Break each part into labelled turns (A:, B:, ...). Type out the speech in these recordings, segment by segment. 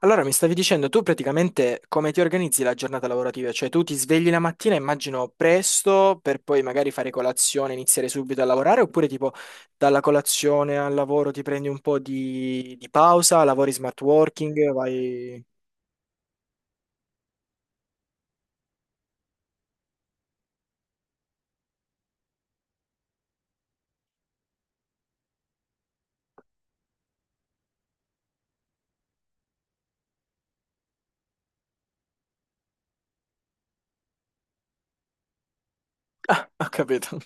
A: Allora, mi stavi dicendo tu praticamente come ti organizzi la giornata lavorativa? Cioè tu ti svegli la mattina, immagino presto, per poi magari fare colazione, iniziare subito a lavorare, oppure tipo dalla colazione al lavoro ti prendi un po' di pausa, lavori smart working, vai... Ho capito.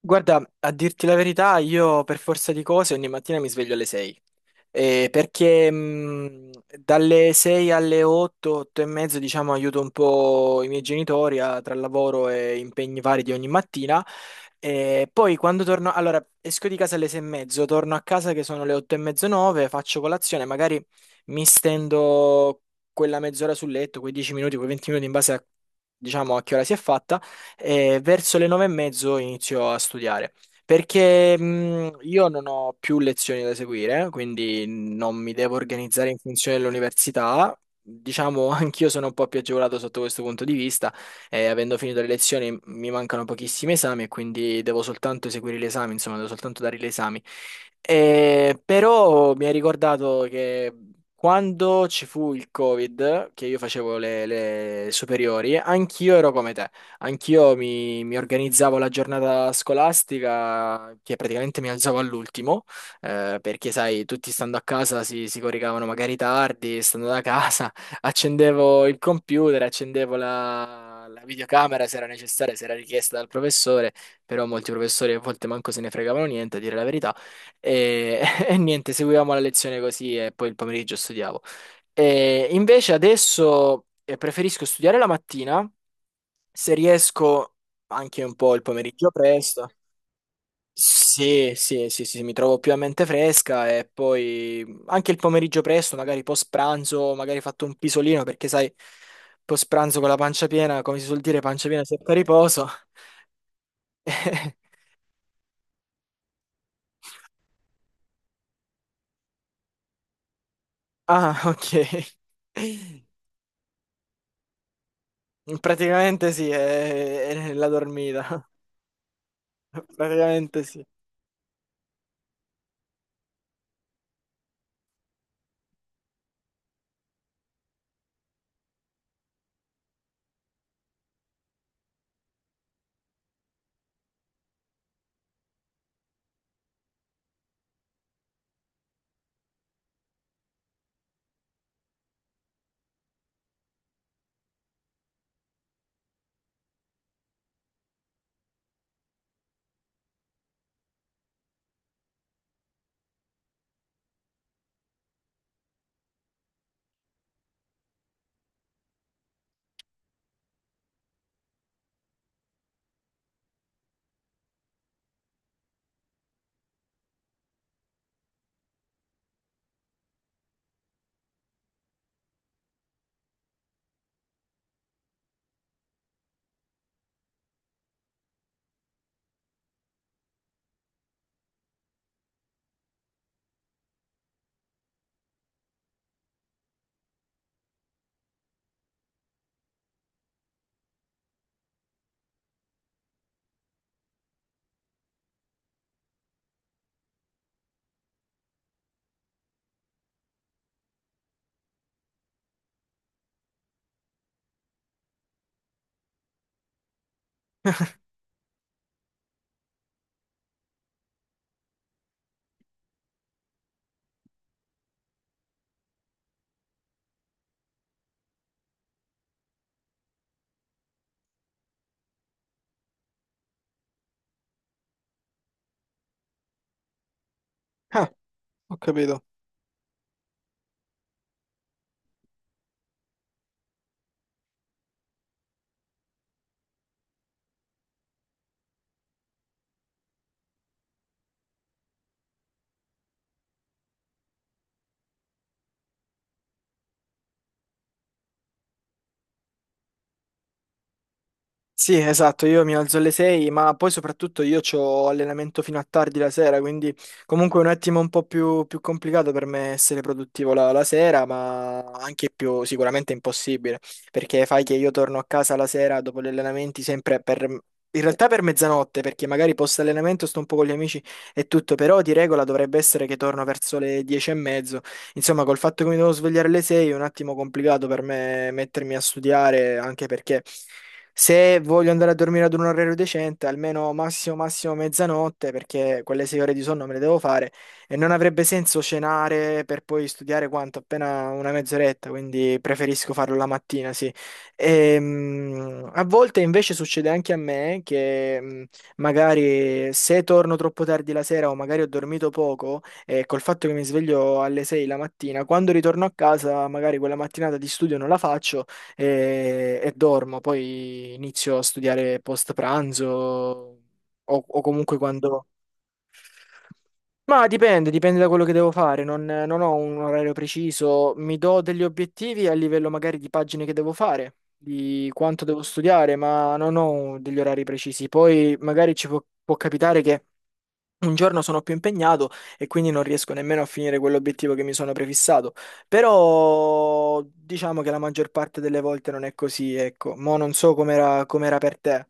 A: Guarda, a dirti la verità, io per forza di cose ogni mattina mi sveglio alle 6. Perché dalle 6 alle 8, 8 e mezzo, diciamo, aiuto un po' i miei genitori tra lavoro e impegni vari di ogni mattina. E poi quando torno, allora esco di casa alle 6 e mezzo, torno a casa che sono le 8 e mezzo, 9, faccio colazione, magari mi stendo quella mezz'ora sul letto, quei 10 minuti, quei 20 minuti in base a, diciamo, a che ora si è fatta e verso le 9:30 inizio a studiare. Perché io non ho più lezioni da seguire, quindi non mi devo organizzare in funzione dell'università. Diciamo, anch'io sono un po' più agevolato sotto questo punto di vista. E avendo finito le lezioni mi mancano pochissimi esami, e quindi devo soltanto eseguire l'esame, insomma, devo soltanto dare gli esami. Però mi ha ricordato che quando ci fu il Covid, che io facevo le superiori, anch'io ero come te. Anch'io mi organizzavo la giornata scolastica, che praticamente mi alzavo all'ultimo, perché sai, tutti stando a casa si coricavano magari tardi, stando da casa, accendevo il computer, accendevo la videocamera se era necessaria, se era richiesta dal professore, però molti professori a volte manco se ne fregavano niente, a dire la verità, e, e niente, seguivamo la lezione così e poi il pomeriggio studiavo. E invece adesso preferisco studiare la mattina se riesco anche un po' il pomeriggio presto. Sì, sì, sì, sì, sì, mi trovo più a mente fresca e poi anche il pomeriggio presto, magari post pranzo, magari fatto un pisolino perché sai, post pranzo con la pancia piena, come si suol dire, pancia piena secca riposo. Ah, ok. Praticamente sì, è la dormita. Praticamente sì. Ah, ho capito. Sì, esatto, io mi alzo alle 6, ma poi soprattutto io ho allenamento fino a tardi la sera, quindi comunque è un attimo un po' più, più complicato per me essere produttivo la sera, ma anche più sicuramente impossibile, perché fai che io torno a casa la sera dopo gli allenamenti sempre per, in realtà per mezzanotte, perché magari post allenamento sto un po' con gli amici e tutto, però di regola dovrebbe essere che torno verso le 10 e mezzo, insomma col fatto che mi devo svegliare alle 6 è un attimo complicato per me mettermi a studiare, anche perché... Se voglio andare a dormire ad un orario decente, almeno massimo massimo mezzanotte, perché quelle 6 ore di sonno me le devo fare e non avrebbe senso cenare per poi studiare quanto? Appena una mezz'oretta, quindi preferisco farlo la mattina, sì. A volte invece succede anche a me che magari se torno troppo tardi la sera o magari ho dormito poco e col fatto che mi sveglio alle 6 la mattina, quando ritorno a casa magari quella mattinata di studio non la faccio e dormo, poi inizio a studiare post pranzo o comunque quando... Ma dipende, dipende da quello che devo fare, non, non ho un orario preciso, mi do degli obiettivi a livello magari di pagine che devo fare, di quanto devo studiare, ma non ho degli orari precisi. Poi magari ci può capitare che un giorno sono più impegnato e quindi non riesco nemmeno a finire quell'obiettivo che mi sono prefissato. Però diciamo che la maggior parte delle volte non è così, ecco. Mo' non so com'era per te.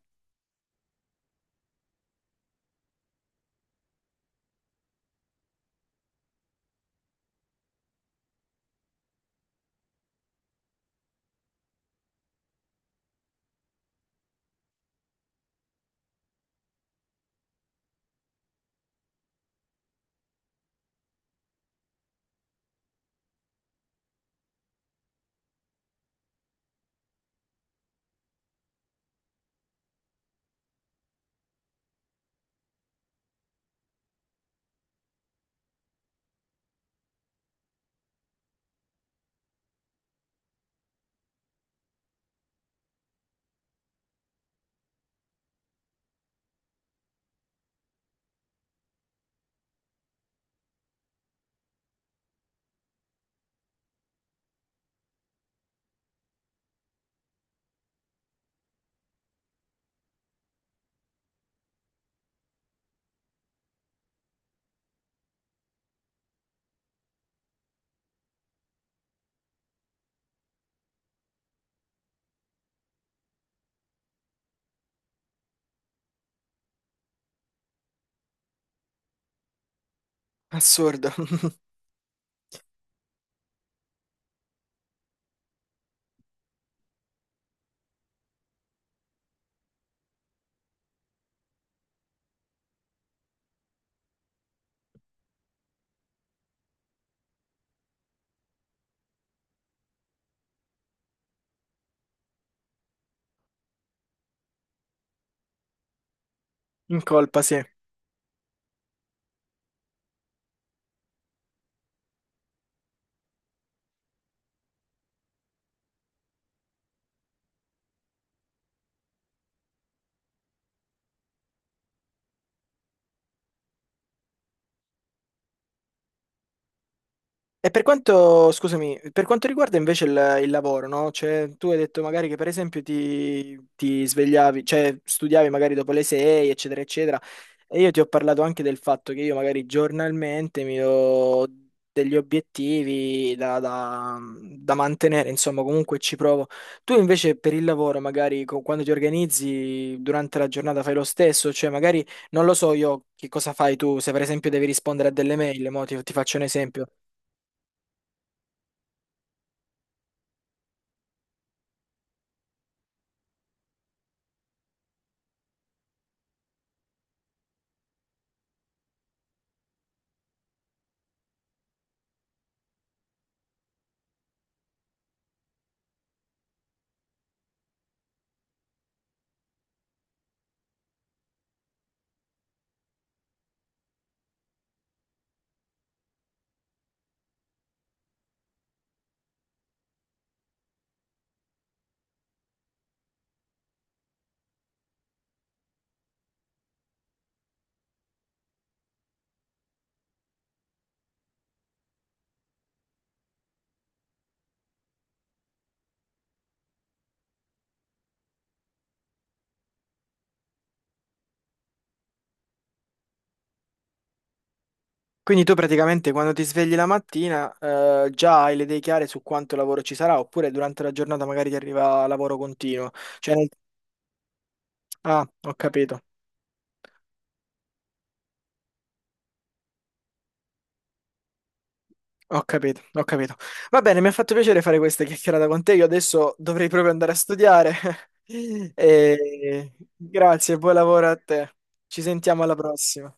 A: Assurdo. In colpa, sì. E per quanto, scusami, per quanto riguarda invece il lavoro, no? Cioè, tu hai detto magari che per esempio ti svegliavi, cioè studiavi magari dopo le 6, eccetera, eccetera. E io ti ho parlato anche del fatto che io magari giornalmente mi do degli obiettivi da mantenere, insomma, comunque ci provo. Tu invece per il lavoro, magari quando ti organizzi durante la giornata fai lo stesso, cioè magari non lo so io che cosa fai tu, se per esempio devi rispondere a delle mail, mo ti faccio un esempio. Quindi tu praticamente quando ti svegli la mattina già hai le idee chiare su quanto lavoro ci sarà, oppure durante la giornata magari ti arriva lavoro continuo. Cioè, ah, ho capito, ho capito, ho capito. Va bene, mi ha fatto piacere fare questa chiacchierata con te. Io adesso dovrei proprio andare a studiare. E, grazie, buon lavoro a te. Ci sentiamo alla prossima.